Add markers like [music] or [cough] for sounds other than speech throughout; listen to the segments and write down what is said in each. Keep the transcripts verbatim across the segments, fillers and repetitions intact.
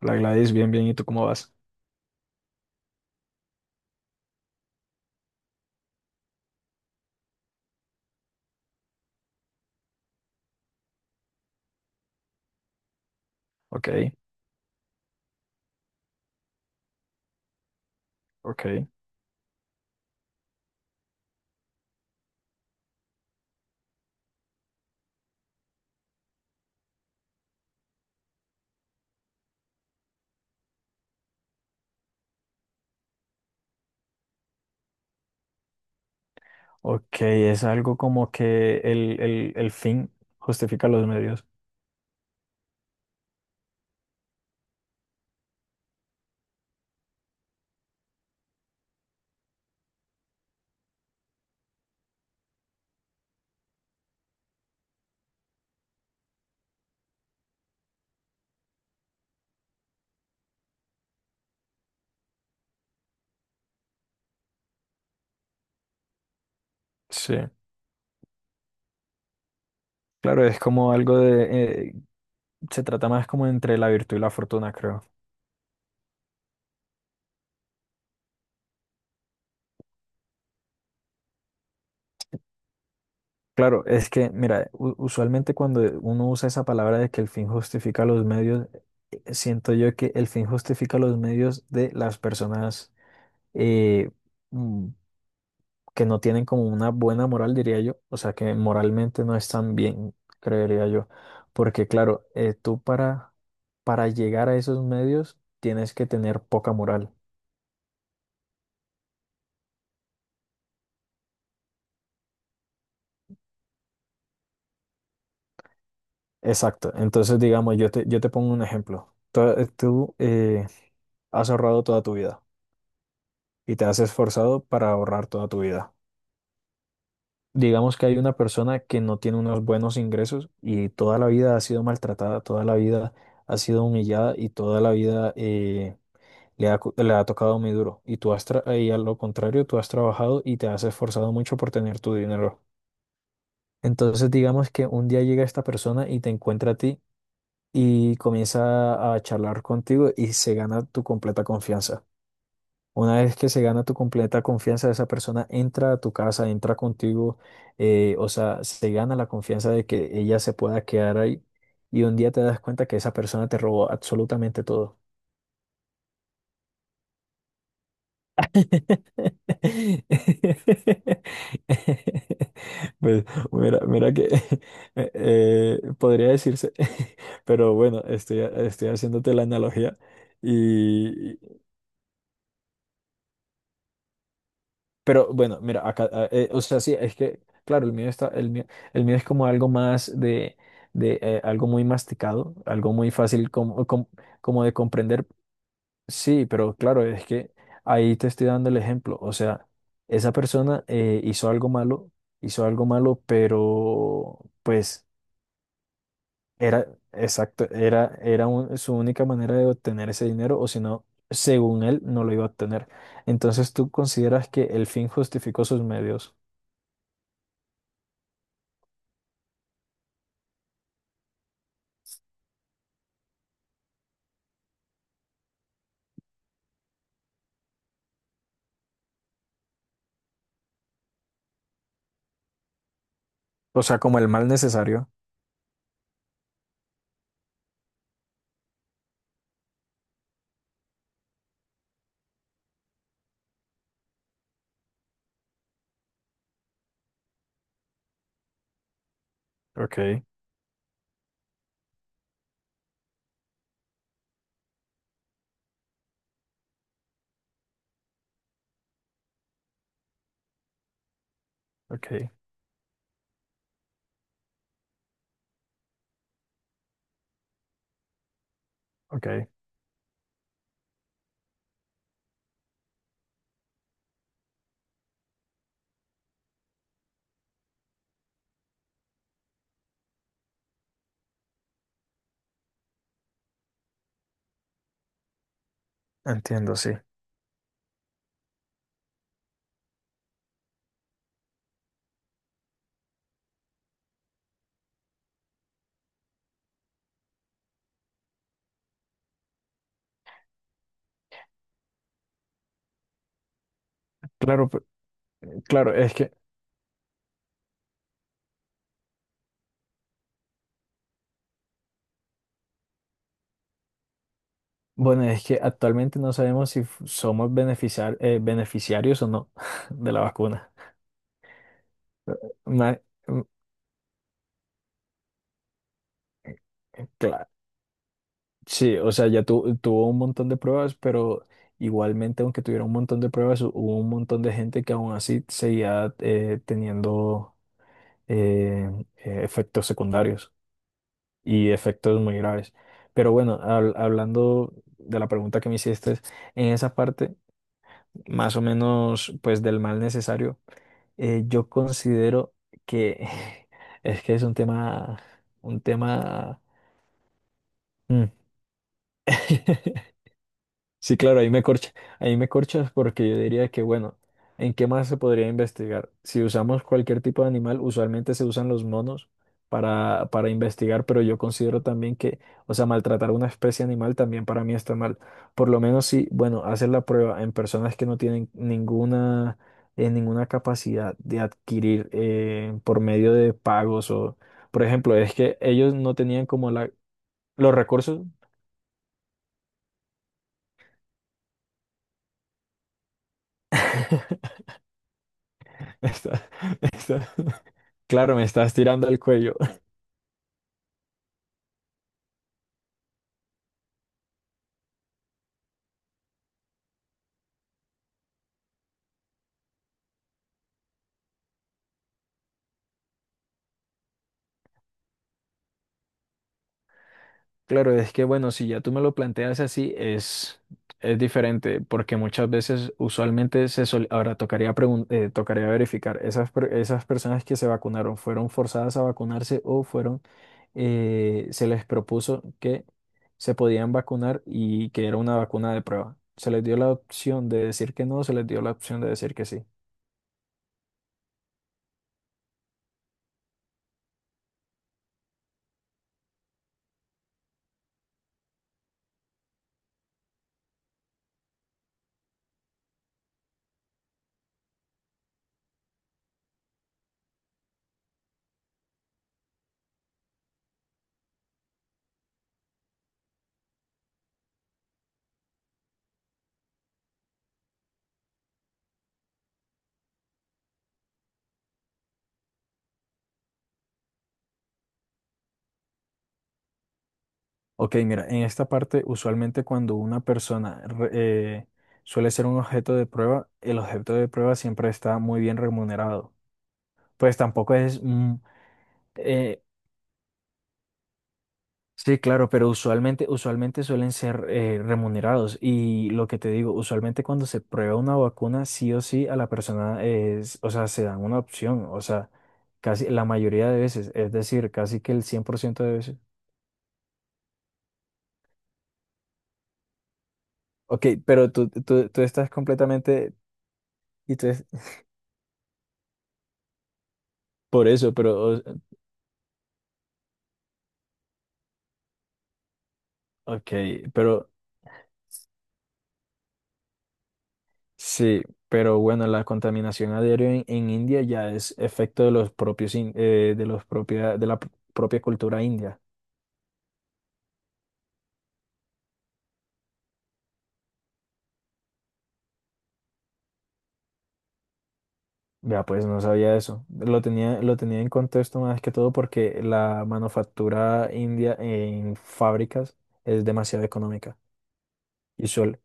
La Gladys, bien, bien. ¿Y tú cómo vas? Ok, ok. Ok, es algo como que el, el, el fin justifica los medios. Sí. Claro, es como algo de... eh, se trata más como entre la virtud y la fortuna, creo. Claro, es que, mira, u- usualmente cuando uno usa esa palabra de que el fin justifica los medios, eh, siento yo que el fin justifica los medios de las personas eh, mm, que no tienen como una buena moral, diría yo, o sea, que moralmente no están bien, creería yo, porque claro, eh, tú para, para llegar a esos medios tienes que tener poca moral. Exacto, entonces digamos, yo te, yo te pongo un ejemplo. Tú, eh, tú, eh, has ahorrado toda tu vida y te has esforzado para ahorrar toda tu vida. Digamos que hay una persona que no tiene unos buenos ingresos y toda la vida ha sido maltratada, toda la vida ha sido humillada y toda la vida... eh, Le ha, cu- le ha tocado muy duro. Y tú has, tra- y a lo contrario, tú has trabajado y te has esforzado mucho por tener tu dinero. Entonces, digamos que un día llega esta persona y te encuentra a ti y comienza a charlar contigo y se gana tu completa confianza. Una vez que se gana tu completa confianza, esa persona entra a tu casa, entra contigo, eh, o sea, se gana la confianza de que ella se pueda quedar ahí y un día te das cuenta que esa persona te robó absolutamente todo. [laughs] Pues mira, mira que [laughs] eh, eh, podría decirse, [laughs] pero bueno, estoy, estoy haciéndote la analogía y, pero bueno, mira, acá, ah, eh, o sea, sí, es que, claro, el mío está, el mío, el mío es como algo más de, de eh, algo muy masticado, algo muy fácil como, como, como de comprender. Sí, pero claro, es que ahí te estoy dando el ejemplo. O sea, esa persona eh, hizo algo malo, hizo algo malo, pero pues era, exacto, era, era un- su única manera de obtener ese dinero, o si no, según él, no lo iba a obtener. Entonces tú consideras que el fin justificó sus medios, o sea, como el mal necesario. Ok, ok, ok. Entiendo, sí. Claro, pe- claro, es que bueno, es que actualmente no sabemos si f- somos beneficiar- eh, beneficiarios o no [laughs] de la vacuna. Ma- mm, cla- sí, o sea, ya tu- tuvo un montón de pruebas, pero igualmente, aunque tuviera un montón de pruebas, hu- hubo un montón de gente que aún así seguía eh, teniendo eh, eh, efectos secundarios y efectos muy graves. Pero bueno, habl- hablando de la pregunta que me hiciste, en esa parte, más o menos, pues del mal necesario. Eh, yo considero que [laughs] es que es un tema, un tema, mm, [laughs] sí, claro, ahí me corcha, ahí me corchas porque yo diría que, bueno, ¿en qué más se podría investigar? Si usamos cualquier tipo de animal, usualmente se usan los monos para, para investigar, pero yo considero también que, o sea, maltratar una especie animal también para mí está mal. Por lo menos si, bueno, hacer la prueba en personas que no tienen ninguna, eh, ninguna capacidad de adquirir eh, por medio de pagos o, por ejemplo, es que ellos no tenían como la, los recursos. [laughs] Está- está. Claro, me estás tirando el cuello. [laughs] Claro, es que bueno, si ya tú me lo planteas así, es, es diferente, porque muchas veces, usualmente, se sol- ahora tocaría, pregun- eh, tocaría verificar, esas, per- esas personas que se vacunaron, ¿fueron forzadas a vacunarse o fueron, eh, se les propuso que se podían vacunar y que era una vacuna de prueba? ¿Se les dio la opción de decir que no, se les dio la opción de decir que sí? Ok, mira, en esta parte usualmente cuando una persona re- eh, suele ser un objeto de prueba, el objeto de prueba siempre está muy bien remunerado. Pues tampoco es... mm, eh, sí, claro, pero usualmente, usualmente suelen ser eh, remunerados. Y lo que te digo, usualmente cuando se prueba una vacuna, sí o sí a la persona es, o sea, se dan una opción, o sea, casi la mayoría de veces, es decir, casi que el cien por ciento de veces. Ok, pero tú, tú, tú estás completamente... Y tú, es- por eso, pero o- ok, pero sí, pero bueno, la contaminación aérea en, en India ya es efecto de los propios in- eh, de los propia, de la p- propia cultura india. Vea, pues no sabía eso. Lo tenía, lo tenía en contexto más que todo porque la manufactura india en fábricas es demasiado económica. Y suel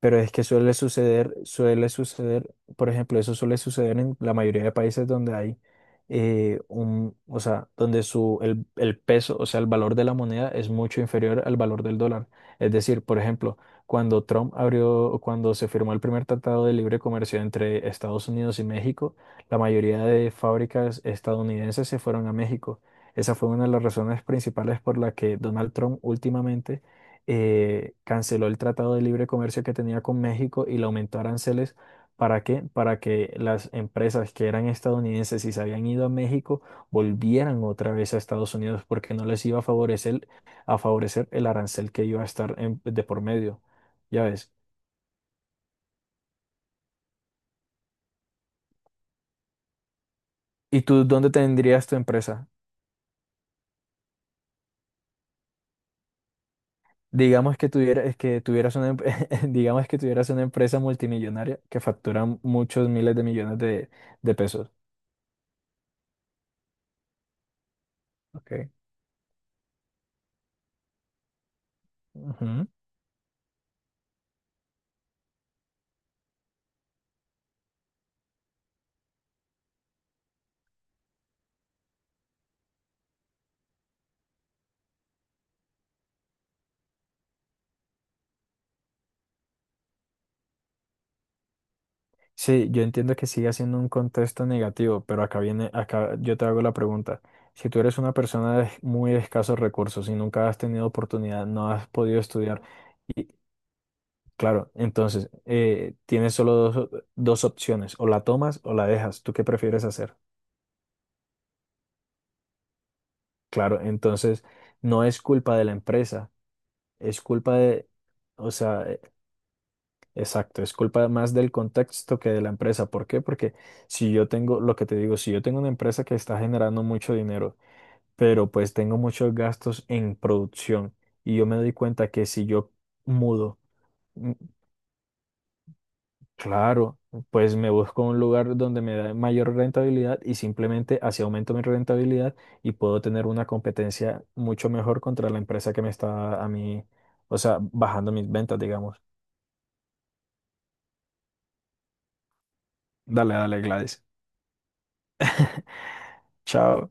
Pero es que suele suceder, suele suceder, por ejemplo, eso suele suceder en la mayoría de países donde hay eh, un, o sea, donde su, el, el peso, o sea, el valor de la moneda es mucho inferior al valor del dólar. Es decir, por ejemplo, cuando Trump abrió, cuando se firmó el primer tratado de libre comercio entre Estados Unidos y México, la mayoría de fábricas estadounidenses se fueron a México. Esa fue una de las razones principales por la que Donald Trump últimamente eh, canceló el tratado de libre comercio que tenía con México y le aumentó aranceles. ¿Para qué? Para que las empresas que eran estadounidenses y se habían ido a México volvieran otra vez a Estados Unidos porque no les iba a favorecer, a favorecer el arancel que iba a estar en- de por medio. Ya ves. ¿Y tú dónde tendrías tu empresa? Digamos que tuvieras, que tuvieras una, em- [laughs] digamos que tuvieras una empresa multimillonaria que factura muchos miles de millones de, de pesos. Ok. Ujú. Sí, yo entiendo que sigue siendo un contexto negativo, pero acá viene, acá yo te hago la pregunta. Si tú eres una persona de muy escasos recursos y nunca has tenido oportunidad, no has podido estudiar, y claro, entonces eh, tienes solo dos, o- dos opciones, o la tomas o la dejas. ¿Tú qué prefieres hacer? Claro, entonces no es culpa de la empresa, es culpa de, o sea, exacto, es culpa más del contexto que de la empresa. ¿Por qué? Porque si yo tengo, lo que te digo, si yo tengo una empresa que está generando mucho dinero, pero pues tengo muchos gastos en producción y yo me doy cuenta que si yo mudo, mm, claro, pues me busco un lugar donde me da mayor rentabilidad y simplemente así aumento mi rentabilidad y puedo tener una competencia mucho mejor contra la empresa que me está a mí, o sea, bajando mis ventas, digamos. Dale, dale, Gladys. Chao.